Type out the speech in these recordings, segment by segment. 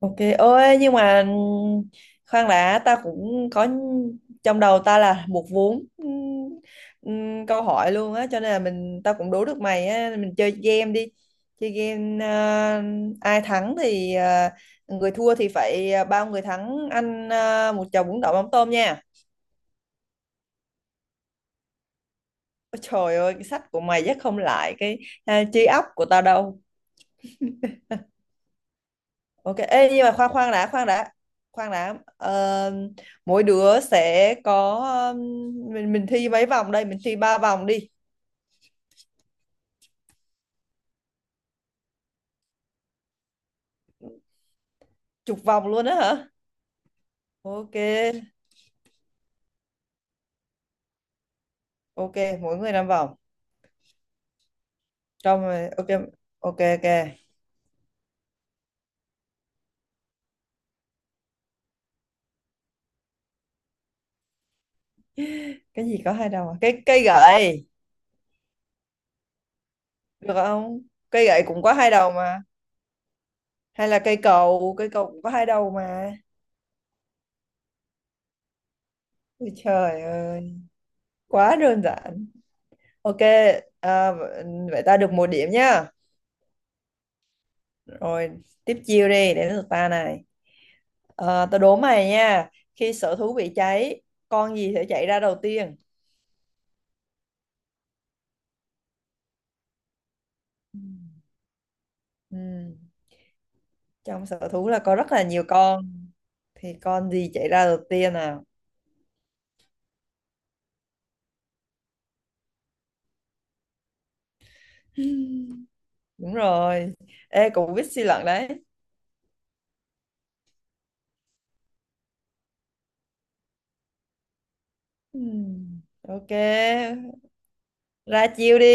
Ok, ôi nhưng mà khoan đã, ta cũng có trong đầu ta là một vốn câu hỏi luôn á, cho nên là mình tao cũng đố được mày á, mình chơi game đi. Chơi game, ai thắng thì, người thua thì phải, bao người thắng ăn, một chầu bún đậu mắm tôm nha. Ôi trời ơi, cái sách của mày chắc không lại cái trí óc của tao đâu. Ok, ê, nhưng mà khoan khoan đã, khoan đã, khoan đã. Ờ, Mỗi đứa sẽ có um, mình thi mấy vòng đây? Mình thi 3 vòng đi, chục vòng luôn á hả? Ok, ok, mỗi người 5 vòng. Trong rồi, ok, ok, ok. Cái gì có hai đầu? À? Cái cây gậy được không? Cây gậy cũng có hai đầu mà. Hay là cây cầu cũng có hai đầu mà. Ôi trời ơi, quá đơn giản. Ok, à, vậy ta được 1 điểm nhá. Rồi tiếp chiêu đi, đến lượt ta này. Ờ, Tao đố mày nha. Khi sở thú bị cháy, con gì sẽ chạy ra đầu tiên? Ừ. Ừ. Trong sở thú là có rất là nhiều con. Thì con gì chạy ra đầu tiên nào? Ừ. Đúng rồi. Ê, cũng biết suy luận đấy. Ừ. Ok. Ra chiêu đi.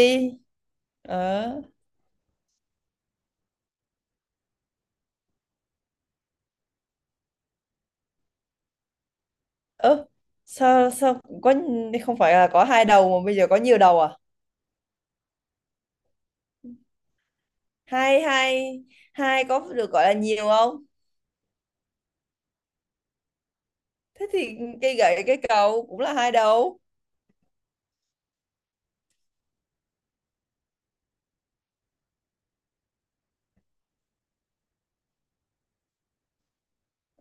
Ờ. Ơ, sao sao có, không phải là có hai đầu mà bây giờ có nhiều đầu à? Hai hai hai có được gọi là nhiều không? Thế thì cây gậy cây cầu cũng là hai đầu.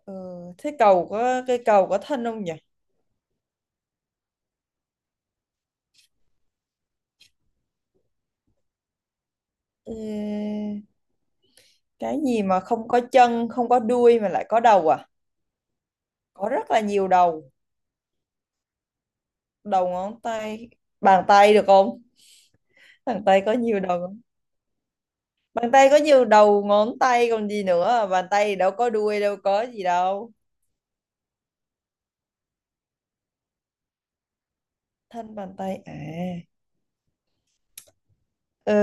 ừ, Thế cầu có, cây cầu có thân không nhỉ? Ê, cái gì mà không có chân, không có đuôi mà lại có đầu à, có rất là nhiều đầu? Đầu ngón tay, bàn tay được không? Bàn tay có nhiều đầu không? Bàn tay có nhiều đầu ngón tay còn gì nữa à? Bàn tay thì đâu có đuôi, đâu có gì đâu. Thân bàn tay à? Ờ,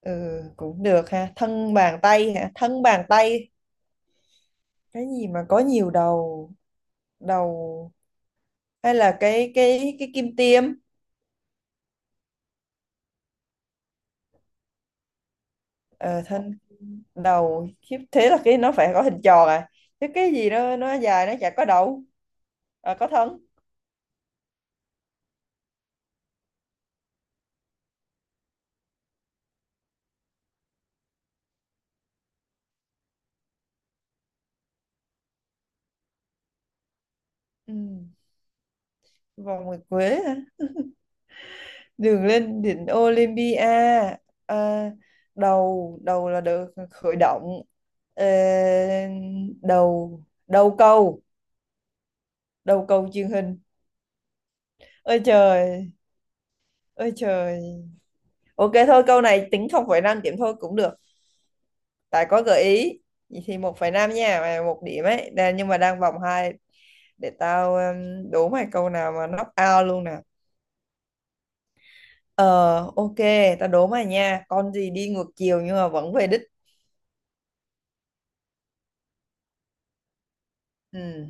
ừ, cũng được ha, thân bàn tay hả, thân bàn tay. Cái gì mà có nhiều đầu đầu, hay là cái kim tiêm? Ờ, thân đầu, khiếp, thế là cái nó phải có hình tròn à, chứ cái gì nó dài nó chả có đầu. À, có thân. Ừ. Vòng nguyệt quế hả? Đường lên đỉnh Olympia. À, đầu đầu là được khởi động. Ờ, đầu đầu câu, đầu câu truyền hình. Ôi trời, ôi trời. Ok, thôi câu này tính 0,5 điểm thôi cũng được, tại có gợi ý. Vậy thì 1,5 nha mày, một điểm ấy đang, nhưng mà đang vòng 2. Để tao đố mày câu nào mà knock out luôn nè. Ờ. Ok. Tao đố mày nha, con gì đi ngược chiều nhưng mà vẫn về đích? Ừ.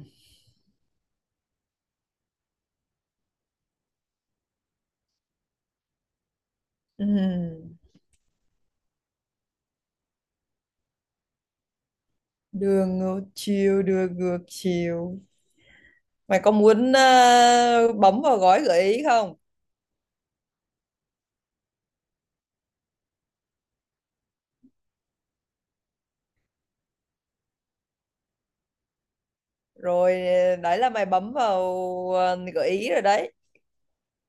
Ừ. Đường ngược chiều, đường ngược chiều. Mày có muốn bấm vào gói gợi ý không? Rồi, đấy là mày bấm vào gợi ý rồi đấy.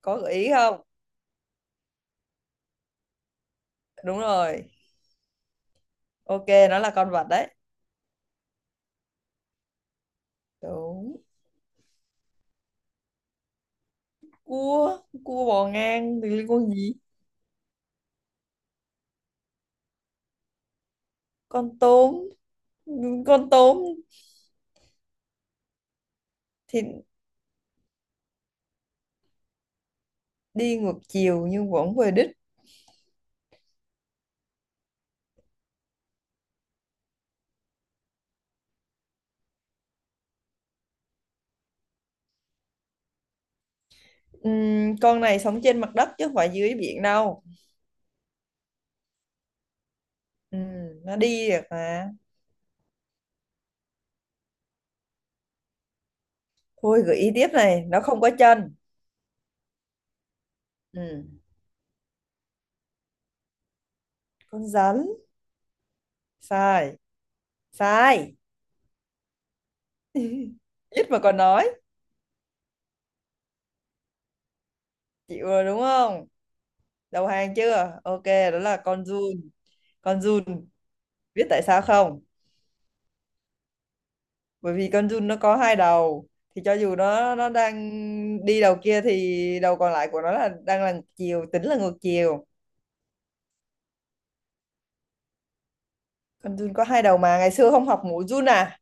Có gợi ý không? Đúng rồi. Ok, nó là con vật đấy. Đúng. Cua, cua bò ngang thì liên quan gì. Con tôm, con tôm thì đi ngược chiều nhưng vẫn về đích. Con này sống trên mặt đất chứ không phải dưới biển đâu. Ừm, nó đi được mà. Thôi gợi ý tiếp này, nó không có chân. Ừm. Con rắn? Sai. Sai. Ít mà còn nói. Chịu rồi đúng không? Đầu hàng chưa? Ok. Đó là con giun. Con giun. Biết tại sao không? Bởi vì con giun nó có hai đầu, thì cho dù nó đang đi đầu kia thì đầu còn lại của nó là đang là ngược chiều, tính là ngược chiều. Con giun có hai đầu mà, ngày xưa không học mũi giun à?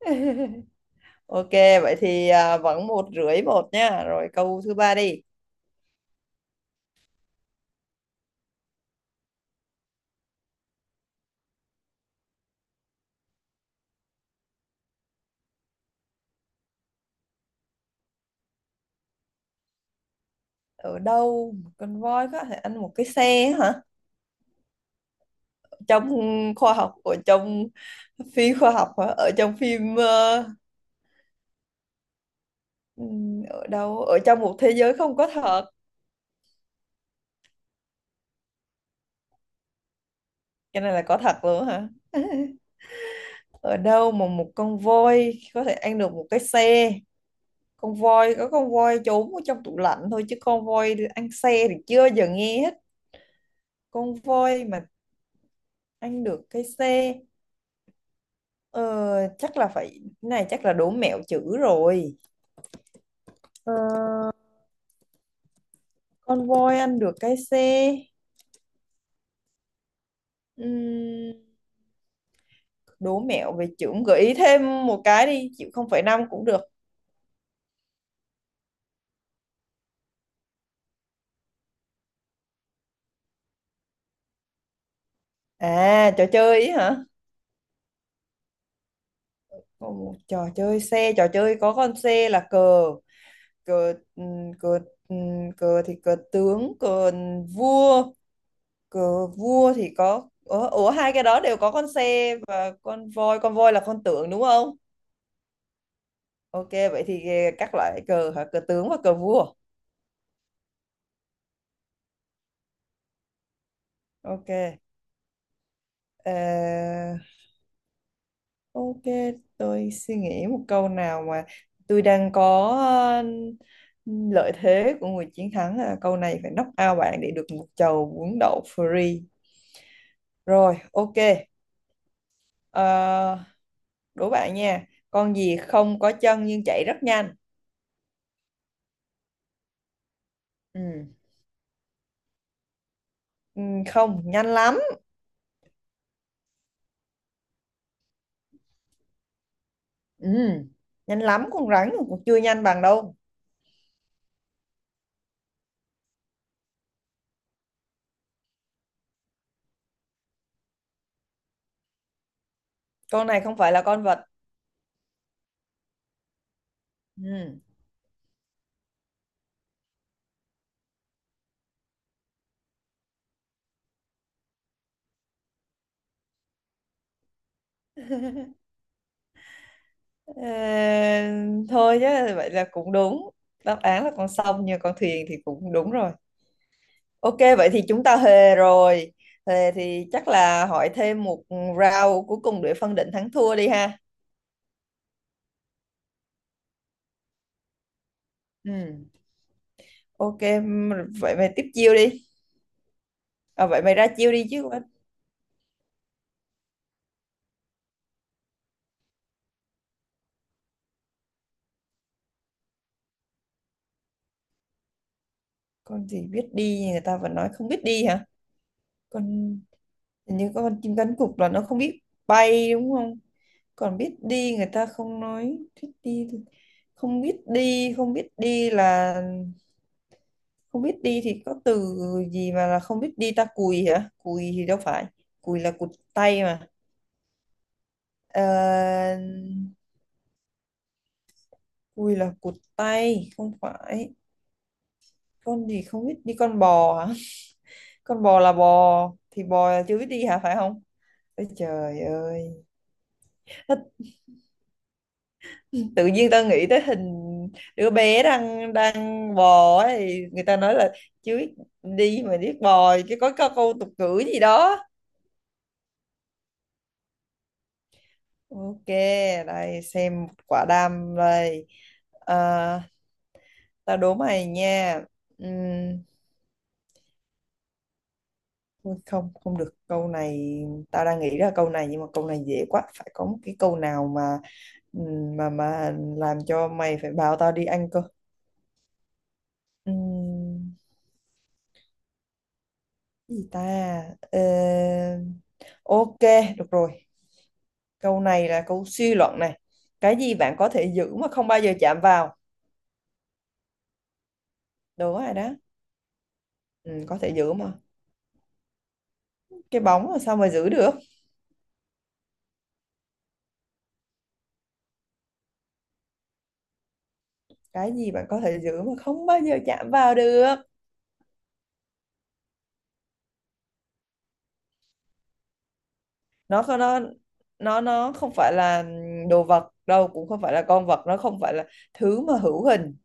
Ok, vậy thì, à, vẫn 1,5-1 nha, rồi câu thứ ba đi. Ở đâu một con voi có thể ăn một cái xe hả? Trong khoa học, ở trong phi khoa học hả, ở trong phim, ở đâu, ở trong một thế giới không có thật? Cái này là có thật luôn hả? Ở đâu mà một con voi có thể ăn được một cái xe? Con voi có, con voi trốn ở trong tủ lạnh thôi chứ con voi ăn xe thì chưa bao giờ nghe hết. Con voi mà ăn được cái xe. Ờ, chắc là phải, cái này chắc là đố mẹo chữ rồi. Ờ, con voi ăn được cái xe. Ừm, đố mẹo về chữ, gợi ý thêm một cái đi, chịu, 0,5 cũng được. À, trò chơi ý hả? Ồ, trò chơi xe, trò chơi có con xe là cờ. Cờ. Ừ, cờ. Ừ, cờ thì cờ tướng, cờ vua. Cờ vua thì có, ủa, ủa hai cái đó đều có con xe và con voi, con voi là con tượng đúng không? Ok, vậy thì các loại cờ hả, cờ tướng và cờ vua. Ok. Ờ, ok, tôi suy nghĩ một câu nào mà, tôi đang có lợi thế của người chiến thắng, là câu này phải knock out bạn để được một chầu bún đậu free. Rồi ok. Ờ, đố bạn nha, con gì không có chân nhưng chạy rất nhanh? Ừ. Ừ, không nhanh lắm. Ừ. Nhanh lắm, con rắn cũng chưa nhanh bằng đâu. Con này không phải là con vật. Ừ. Ờ, thôi chứ, vậy là cũng đúng. Đáp án là con sông, nhưng con thuyền thì cũng đúng rồi. Ok, vậy thì chúng ta hề rồi. Hề thì chắc là hỏi thêm một round cuối cùng để phân định thắng thua đi ha. Ừ. Ok, vậy mày tiếp chiêu đi. À, vậy mày ra chiêu đi chứ. Con gì biết đi người ta vẫn nói không biết đi hả? Con, hình như con chim cánh cụt là nó không biết bay đúng không. Còn biết đi người ta không nói biết đi thì- không biết đi, không biết đi là, không biết đi thì có từ gì mà là không biết đi? Ta, cùi hả? Cùi thì đâu phải, cùi là cụt tay mà. Ờ, cùi là cụt tay, không phải. Con gì không biết đi, con bò hả? Con bò là bò, thì bò là chưa biết đi hả phải không? Ôi trời ơi. Tự nhiên tao nghĩ tới hình đứa bé đang đang bò ấy, người ta nói là chứ đi mà biết bò, chứ có câu tục ngữ gì đó. Ok, đây xem quả đam đây. À, tao đố mày nha. Ừm, thôi không, không được câu này. Tao đang nghĩ ra câu này nhưng mà câu này dễ quá, phải có một cái câu nào mà làm cho mày phải bảo tao đi ăn cơ. Ừm, gì ta? Ờ, ok, được rồi, câu này là câu suy luận này. Cái gì bạn có thể giữ mà không bao giờ chạm vào? Đúng rồi đó. Ừ, có thể giữ mà, cái bóng mà sao mà giữ được? Cái gì bạn có thể giữ mà không bao giờ chạm vào được? Nó, nó không phải là đồ vật đâu, cũng không phải là con vật, nó không phải là thứ mà hữu hình.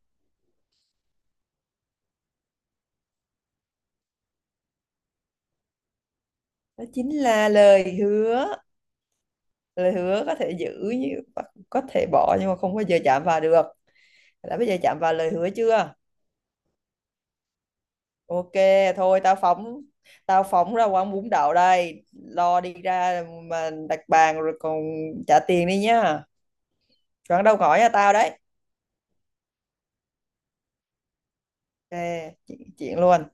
Đó chính là lời hứa. Lời hứa có thể giữ, như có thể bỏ, nhưng mà không bao giờ chạm vào được. Đã bây giờ chạm vào lời hứa chưa. Ok, thôi tao phóng, tao phóng ra quán bún đậu đây, lo đi ra mà đặt bàn rồi còn trả tiền đi nhá. Quán đâu gọi cho tao đấy. Ok, chuyện chuyện luôn.